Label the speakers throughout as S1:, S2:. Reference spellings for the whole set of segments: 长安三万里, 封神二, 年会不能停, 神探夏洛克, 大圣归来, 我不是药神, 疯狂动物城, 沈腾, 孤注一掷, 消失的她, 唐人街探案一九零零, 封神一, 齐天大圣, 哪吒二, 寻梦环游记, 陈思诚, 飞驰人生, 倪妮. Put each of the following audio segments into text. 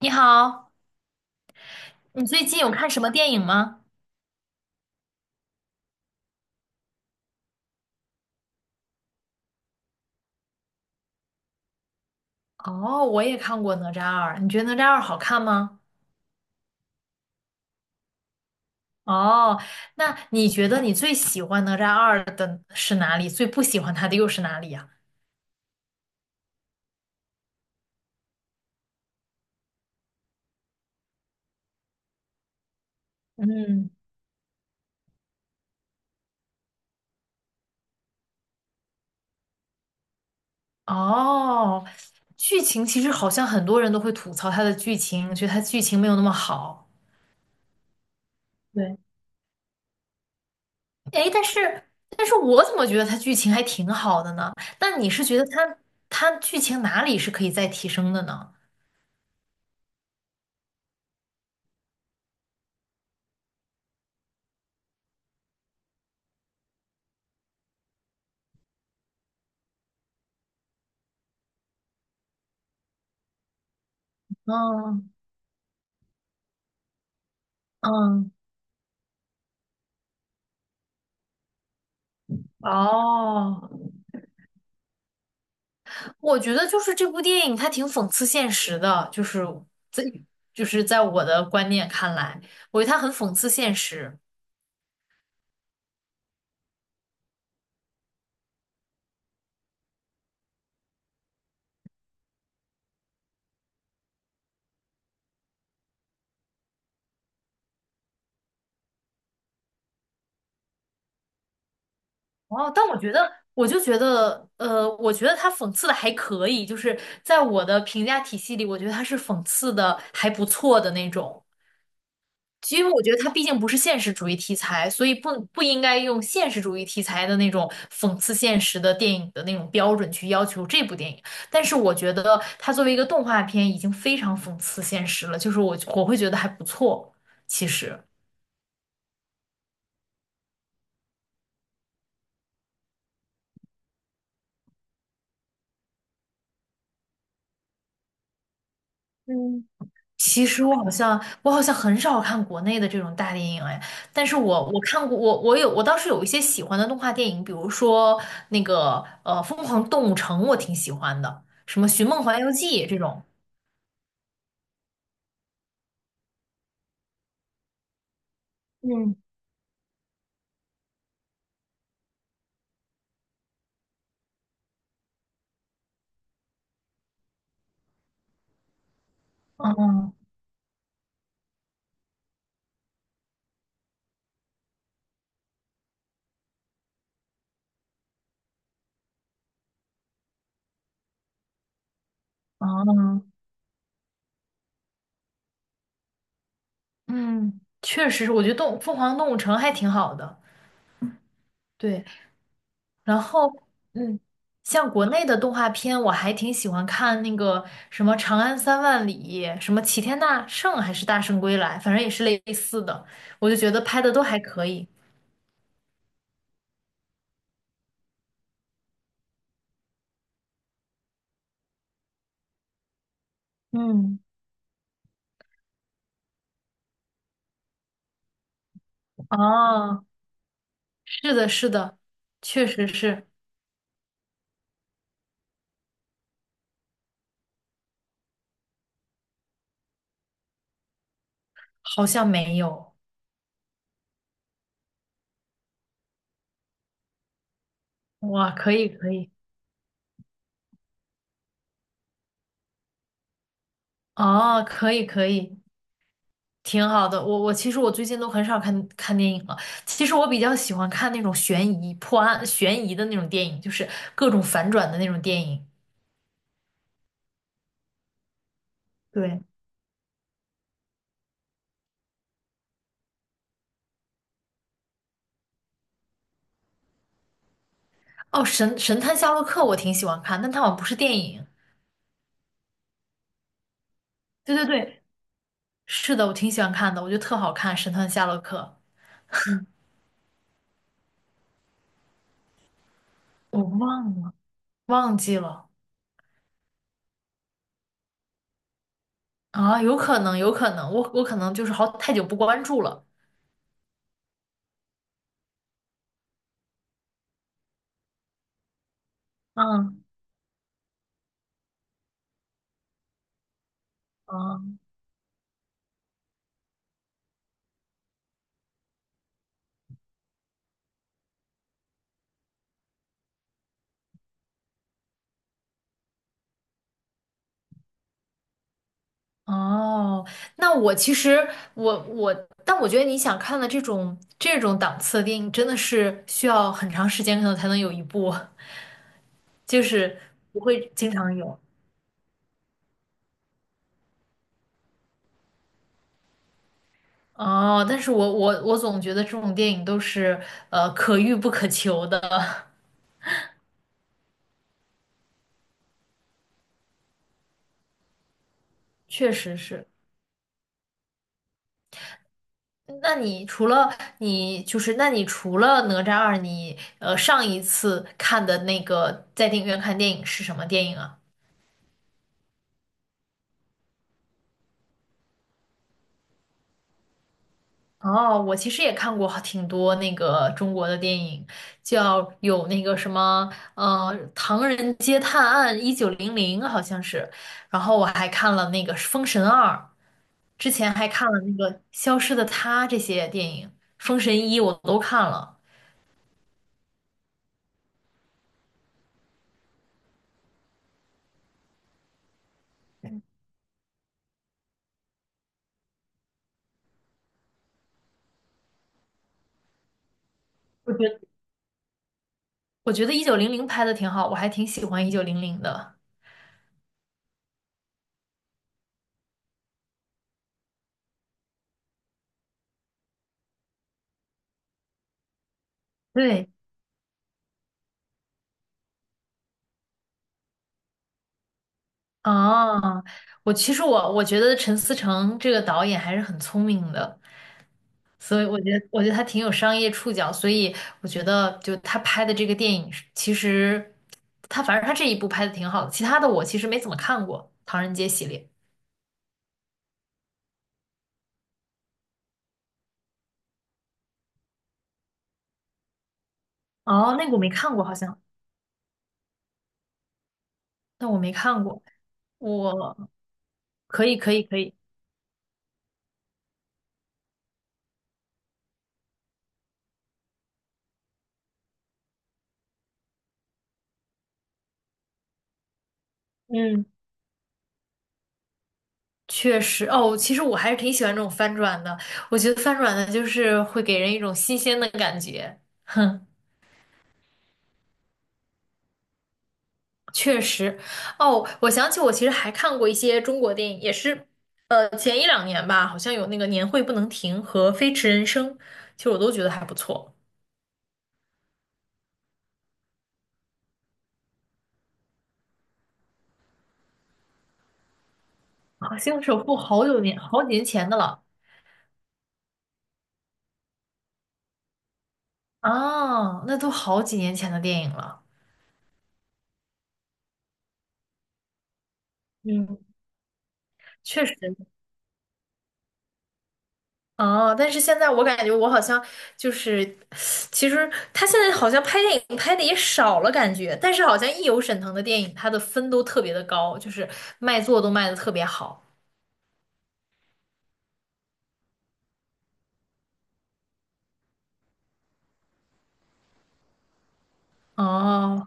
S1: 你好，你最近有看什么电影吗？哦，我也看过《哪吒二》，你觉得《哪吒二》好看吗？哦，那你觉得你最喜欢《哪吒二》的是哪里？最不喜欢它的又是哪里呀？嗯，哦，剧情其实好像很多人都会吐槽它的剧情，觉得它剧情没有那么好。对，哎，但是我怎么觉得它剧情还挺好的呢？那你是觉得它剧情哪里是可以再提升的呢？嗯嗯。哦，我觉得就是这部电影它挺讽刺现实的，在就是在我的观念看来，我觉得它很讽刺现实。哦，但我觉得我就觉得，我觉得它讽刺的还可以，就是在我的评价体系里，我觉得它是讽刺的还不错的那种。因为我觉得它毕竟不是现实主义题材，所以不应该用现实主义题材的那种讽刺现实的电影的那种标准去要求这部电影。但是我觉得它作为一个动画片，已经非常讽刺现实了，就是我会觉得还不错。其实，其实，我好像很少看国内的这种大电影哎，但是我看过我有我倒是有一些喜欢的动画电影，比如说那个《疯狂动物城》，我挺喜欢的，什么《寻梦环游记》这种。嗯，哦嗯嗯，确实是，我觉得动凤凰动物城还挺好的，对。然后，嗯，像国内的动画片，我还挺喜欢看那个什么《长安三万里》，什么《齐天大圣》还是《大圣归来》，反正也是类似的，我就觉得拍的都还可以。嗯，哦，是的，是的，确实是，好像没有。哇，可以，可以，哦，可以，可以。挺好的，我其实我最近都很少看看电影了。其实我比较喜欢看那种悬疑、破案、悬疑的那种电影，就是各种反转的那种电影。对，哦，神探夏洛克我挺喜欢看，但它好像不是电影。对对对，是的，我挺喜欢看的，我觉得特好看，《神探夏洛克》。我忘了，忘记了啊，有可能，有可能，我可能就是好太久不关注了。嗯，啊哦，那我其实我我，但我觉得你想看的这种档次的电影，真的是需要很长时间可能才能有一部，就是不会经常有。哦，但是我总觉得这种电影都是可遇不可求的，确实是。那你除了那你除了哪吒二，你上一次看的那个在电影院看电影是什么电影啊？哦，我其实也看过挺多那个中国的电影，叫有那个什么，《唐人街探案一九零零》好像是，然后我还看了那个《封神二》，之前还看了那个《消失的她》这些电影，《封神一》我都看了，我觉得我觉得一九零零拍的挺好，我还挺喜欢一九零零的。对，啊，我其实我觉得陈思诚这个导演还是很聪明的。所以我觉得，他挺有商业触角，所以我觉得，就他拍的这个电影是其实他反正他这一部拍的挺好的，其他的我其实没怎么看过《唐人街》系列。哦，那个我没看过，好像，那我没看过，我可以，可以，可以，嗯，确实，哦，其实我还是挺喜欢这种翻转的，我觉得翻转的就是会给人一种新鲜的感觉，哼。确实，哦，我想起我其实还看过一些中国电影，也是，前一两年吧，好像有那个《年会不能停》和《飞驰人生》，其实我都觉得还不错。好像首富》好久年好几年前的了啊，那都好几年前的电影了。嗯，确实哦，但是现在我感觉我好像就是，其实他现在好像拍电影拍的也少了，感觉，但是好像一有沈腾的电影，他的分都特别的高，就是卖座都卖的特别好。哦，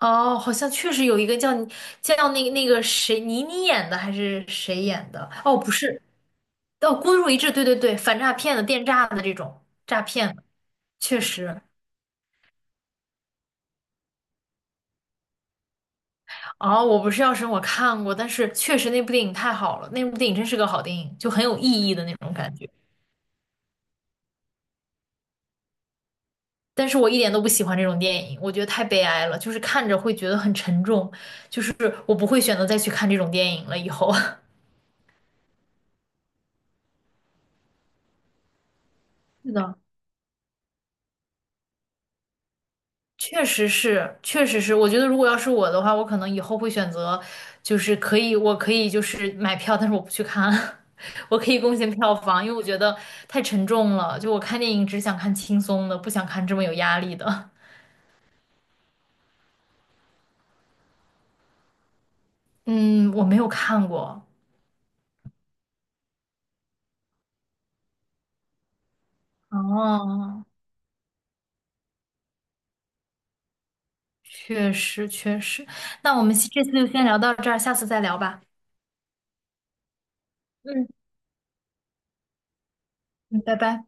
S1: 哦，好像确实有一个叫那个谁倪妮演的还是谁演的？哦，不是，哦，孤注一掷，对对对，反诈骗的、电诈的这种诈骗的，确实。哦，我不是药神，我看过，但是确实那部电影太好了，那部电影真是个好电影，就很有意义的那种感觉。但是我一点都不喜欢这种电影，我觉得太悲哀了，就是看着会觉得很沉重，就是我不会选择再去看这种电影了，以后。是的，确实是，确实是。我觉得如果要是我的话，我可能以后会选择，就是可以，我可以就是买票，但是我不去看，我可以贡献票房，因为我觉得太沉重了。就我看电影只想看轻松的，不想看这么有压力的。嗯，我没有看过。哦，确实确实。那我们这次就先聊到这儿，下次再聊吧。嗯嗯，拜拜。